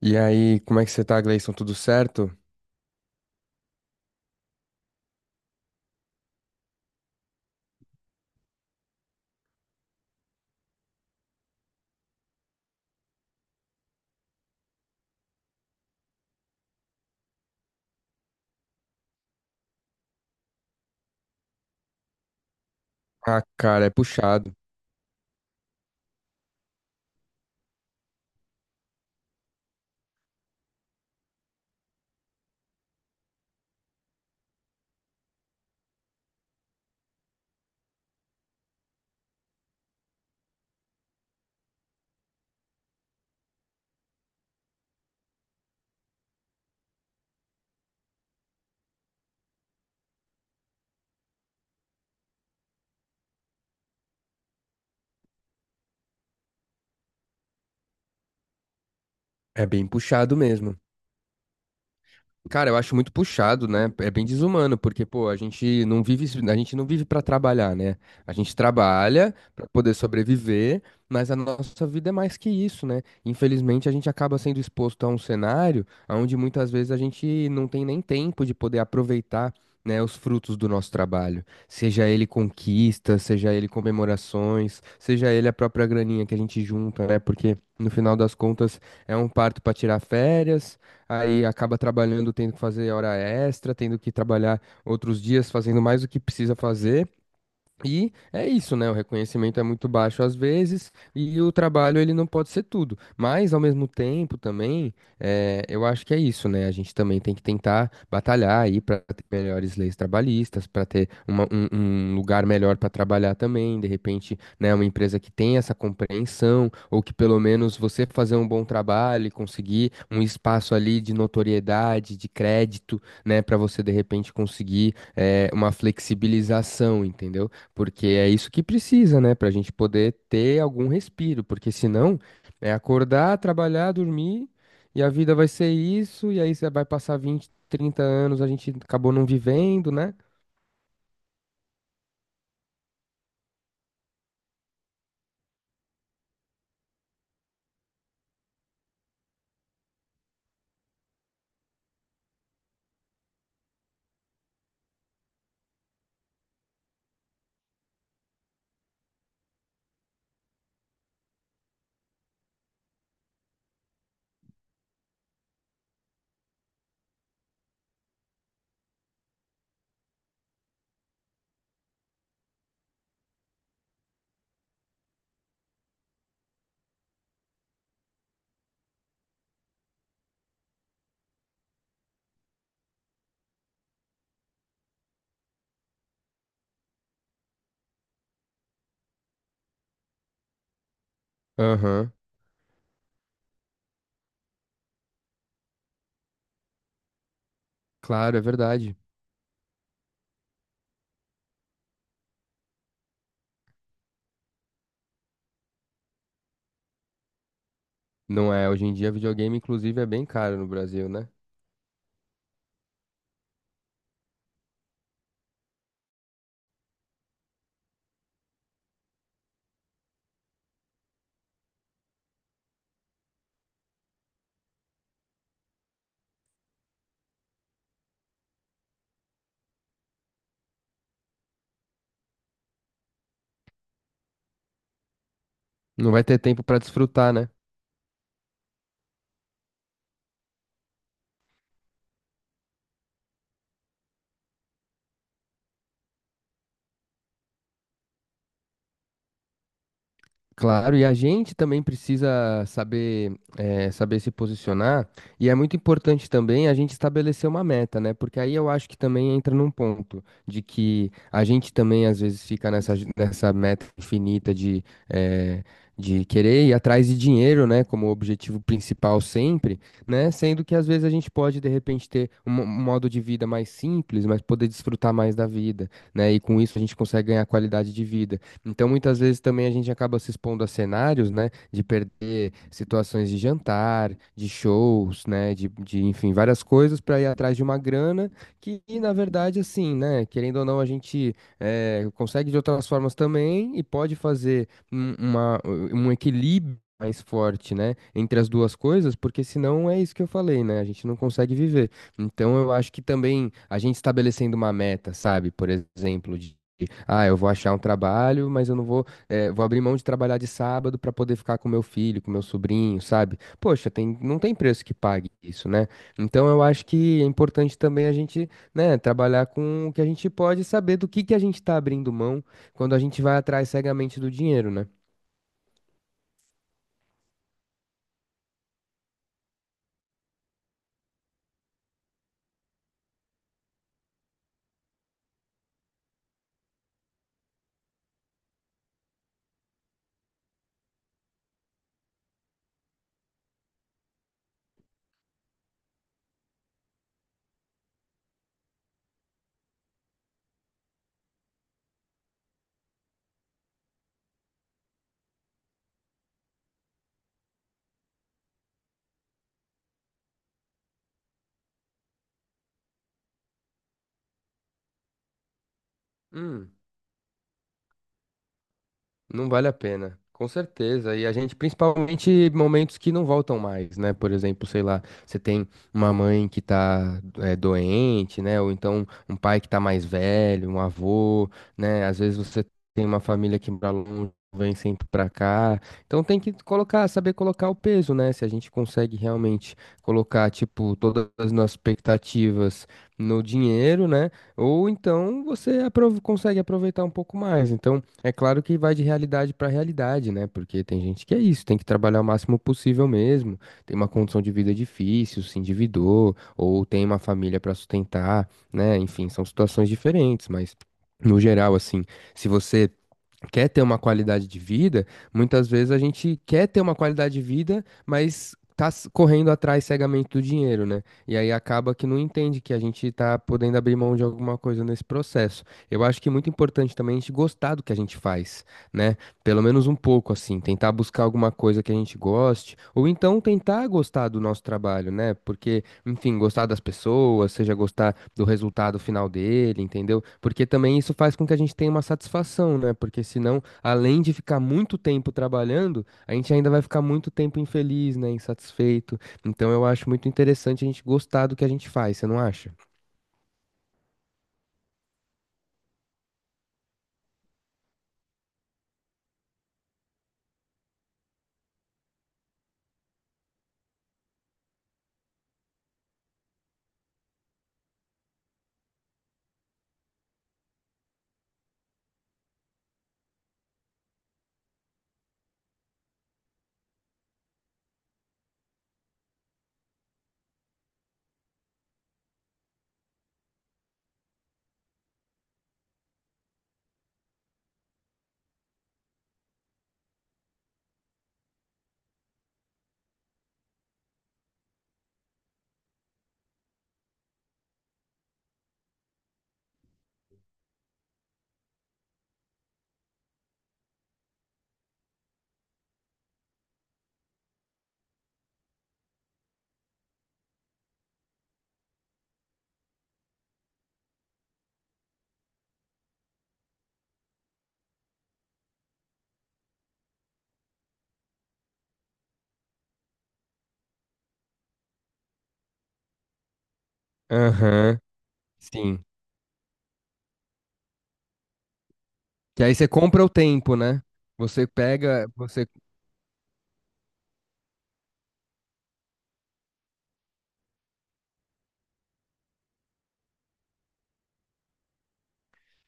E aí, como é que você tá, Gleison? Tudo certo? Ah, cara, é puxado. É bem puxado mesmo. Cara, eu acho muito puxado, né? É bem desumano, porque, pô, a gente não vive para trabalhar, né? A gente trabalha para poder sobreviver, mas a nossa vida é mais que isso, né? Infelizmente, a gente acaba sendo exposto a um cenário onde muitas vezes a gente não tem nem tempo de poder aproveitar, né, os frutos do nosso trabalho. Seja ele conquista, seja ele comemorações, seja ele a própria graninha que a gente junta, né? Porque no final das contas é um parto para tirar férias, aí acaba trabalhando, tendo que fazer hora extra, tendo que trabalhar outros dias, fazendo mais do que precisa fazer. E é isso, né? O reconhecimento é muito baixo às vezes e o trabalho ele não pode ser tudo. Mas ao mesmo tempo também, eu acho que é isso, né? A gente também tem que tentar batalhar aí para ter melhores leis trabalhistas, para ter um lugar melhor para trabalhar também. De repente, né? Uma empresa que tem essa compreensão, ou que pelo menos você fazer um bom trabalho e conseguir um espaço ali de notoriedade, de crédito, né? Para você de repente conseguir uma flexibilização, entendeu? Porque é isso que precisa, né, para a gente poder ter algum respiro. Porque senão é acordar, trabalhar, dormir, e a vida vai ser isso, e aí você vai passar 20, 30 anos, a gente acabou não vivendo, né? Aham, claro, é verdade. Não é, hoje em dia videogame, inclusive, é bem caro no Brasil, né? Não vai ter tempo para desfrutar, né? Claro, e a gente também precisa saber, saber se posicionar, e é muito importante também a gente estabelecer uma meta, né? Porque aí eu acho que também entra num ponto de que a gente também às vezes fica nessa, nessa meta infinita de, eh, de querer ir atrás de dinheiro, né? Como objetivo principal sempre, né? Sendo que às vezes a gente pode de repente ter um modo de vida mais simples, mas poder desfrutar mais da vida, né? E com isso a gente consegue ganhar qualidade de vida. Então, muitas vezes também a gente acaba se expondo a cenários, né, de perder situações de jantar, de shows, né, de enfim, várias coisas para ir atrás de uma grana que, na verdade, assim, né, querendo ou não, a gente consegue de outras formas também e pode fazer um equilíbrio mais forte, né, entre as duas coisas, porque senão é isso que eu falei, né, a gente não consegue viver. Então, eu acho que também a gente estabelecendo uma meta, sabe, por exemplo, de ah, eu vou achar um trabalho, mas eu não vou vou abrir mão de trabalhar de sábado para poder ficar com meu filho, com meu sobrinho, sabe? Poxa, tem, não tem preço que pague isso, né? Então eu acho que é importante também a gente, né, trabalhar com o que a gente pode, saber do que a gente tá abrindo mão quando a gente vai atrás cegamente do dinheiro, né? Hum. Não vale a pena, com certeza. E a gente, principalmente momentos que não voltam mais, né? Por exemplo, sei lá, você tem uma mãe que tá doente, né? Ou então um pai que tá mais velho, um avô, né? Às vezes você tem uma família que mora longe, vem sempre pra cá. Então tem que colocar, saber colocar o peso, né? Se a gente consegue realmente colocar, tipo, todas as nossas expectativas no dinheiro, né? Ou então você consegue aproveitar um pouco mais. Então, é claro que vai de realidade para realidade, né? Porque tem gente que é isso, tem que trabalhar o máximo possível mesmo, tem uma condição de vida difícil, se endividou, ou tem uma família para sustentar, né? Enfim, são situações diferentes, mas no geral, assim, se você quer ter uma qualidade de vida, muitas vezes a gente quer ter uma qualidade de vida, mas correndo atrás cegamente do dinheiro, né? E aí acaba que não entende que a gente tá podendo abrir mão de alguma coisa nesse processo. Eu acho que é muito importante também a gente gostar do que a gente faz, né? Pelo menos um pouco, assim, tentar buscar alguma coisa que a gente goste, ou então tentar gostar do nosso trabalho, né? Porque enfim, gostar das pessoas, seja gostar do resultado final dele, entendeu? Porque também isso faz com que a gente tenha uma satisfação, né? Porque senão, além de ficar muito tempo trabalhando, a gente ainda vai ficar muito tempo infeliz, né? Insatisfeito. Então eu acho muito interessante a gente gostar do que a gente faz, você não acha? Aham, sim. Que aí você compra o tempo, né? Você pega, você...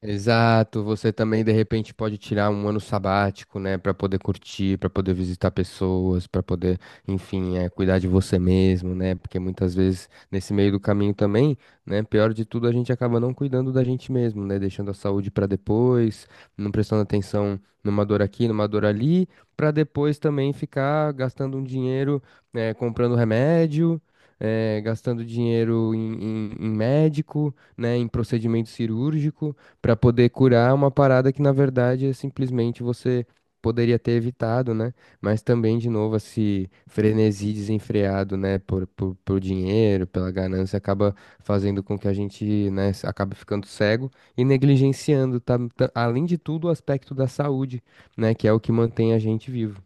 Exato, você também de repente pode tirar um ano sabático, né, para poder curtir, para poder visitar pessoas, para poder, enfim, cuidar de você mesmo, né? Porque muitas vezes nesse meio do caminho também, né, pior de tudo, a gente acaba não cuidando da gente mesmo, né, deixando a saúde para depois, não prestando atenção numa dor aqui, numa dor ali, para depois também ficar gastando um dinheiro, né, comprando remédio. Gastando dinheiro em médico, né, em procedimento cirúrgico para poder curar uma parada que na verdade é simplesmente você poderia ter evitado, né? Mas também de novo esse frenesi desenfreado, né, por dinheiro, pela ganância acaba fazendo com que a gente, né, acabe ficando cego e negligenciando, além de tudo, o aspecto da saúde, né, que é o que mantém a gente vivo.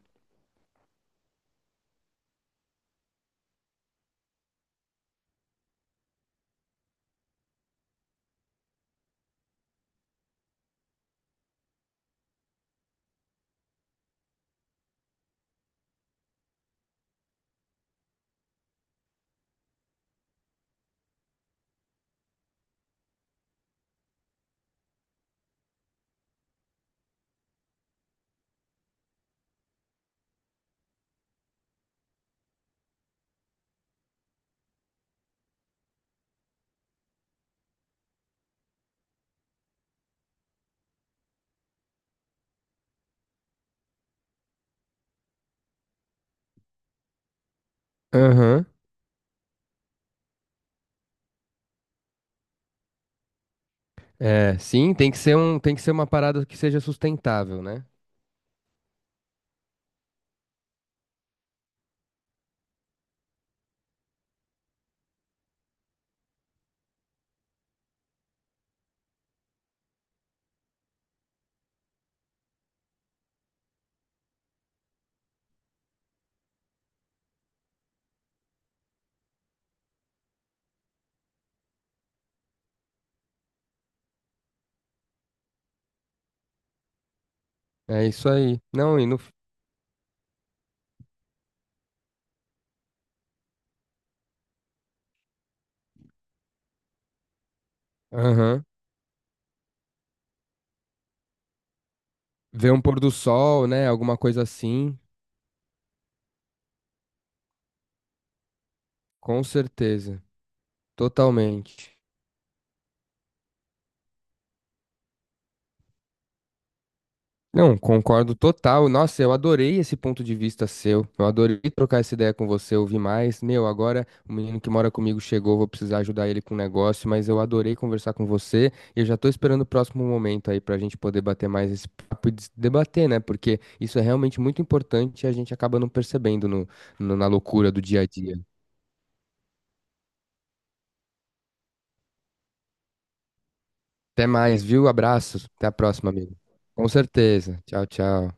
Aham. É, sim, tem que ser um, tem que ser uma parada que seja sustentável, né? É isso aí. Não, e no... Aham. Ver um pôr do sol, né? Alguma coisa assim. Com certeza, totalmente. Não, concordo total. Nossa, eu adorei esse ponto de vista seu. Eu adorei trocar essa ideia com você, ouvir mais. Meu, agora o menino que mora comigo chegou, vou precisar ajudar ele com um negócio, mas eu adorei conversar com você e eu já tô esperando o próximo momento aí pra gente poder bater mais esse papo e debater, né? Porque isso é realmente muito importante e a gente acaba não percebendo na loucura do dia a dia. Até mais, viu? Abraços. Até a próxima, amigo. Com certeza. Tchau, tchau.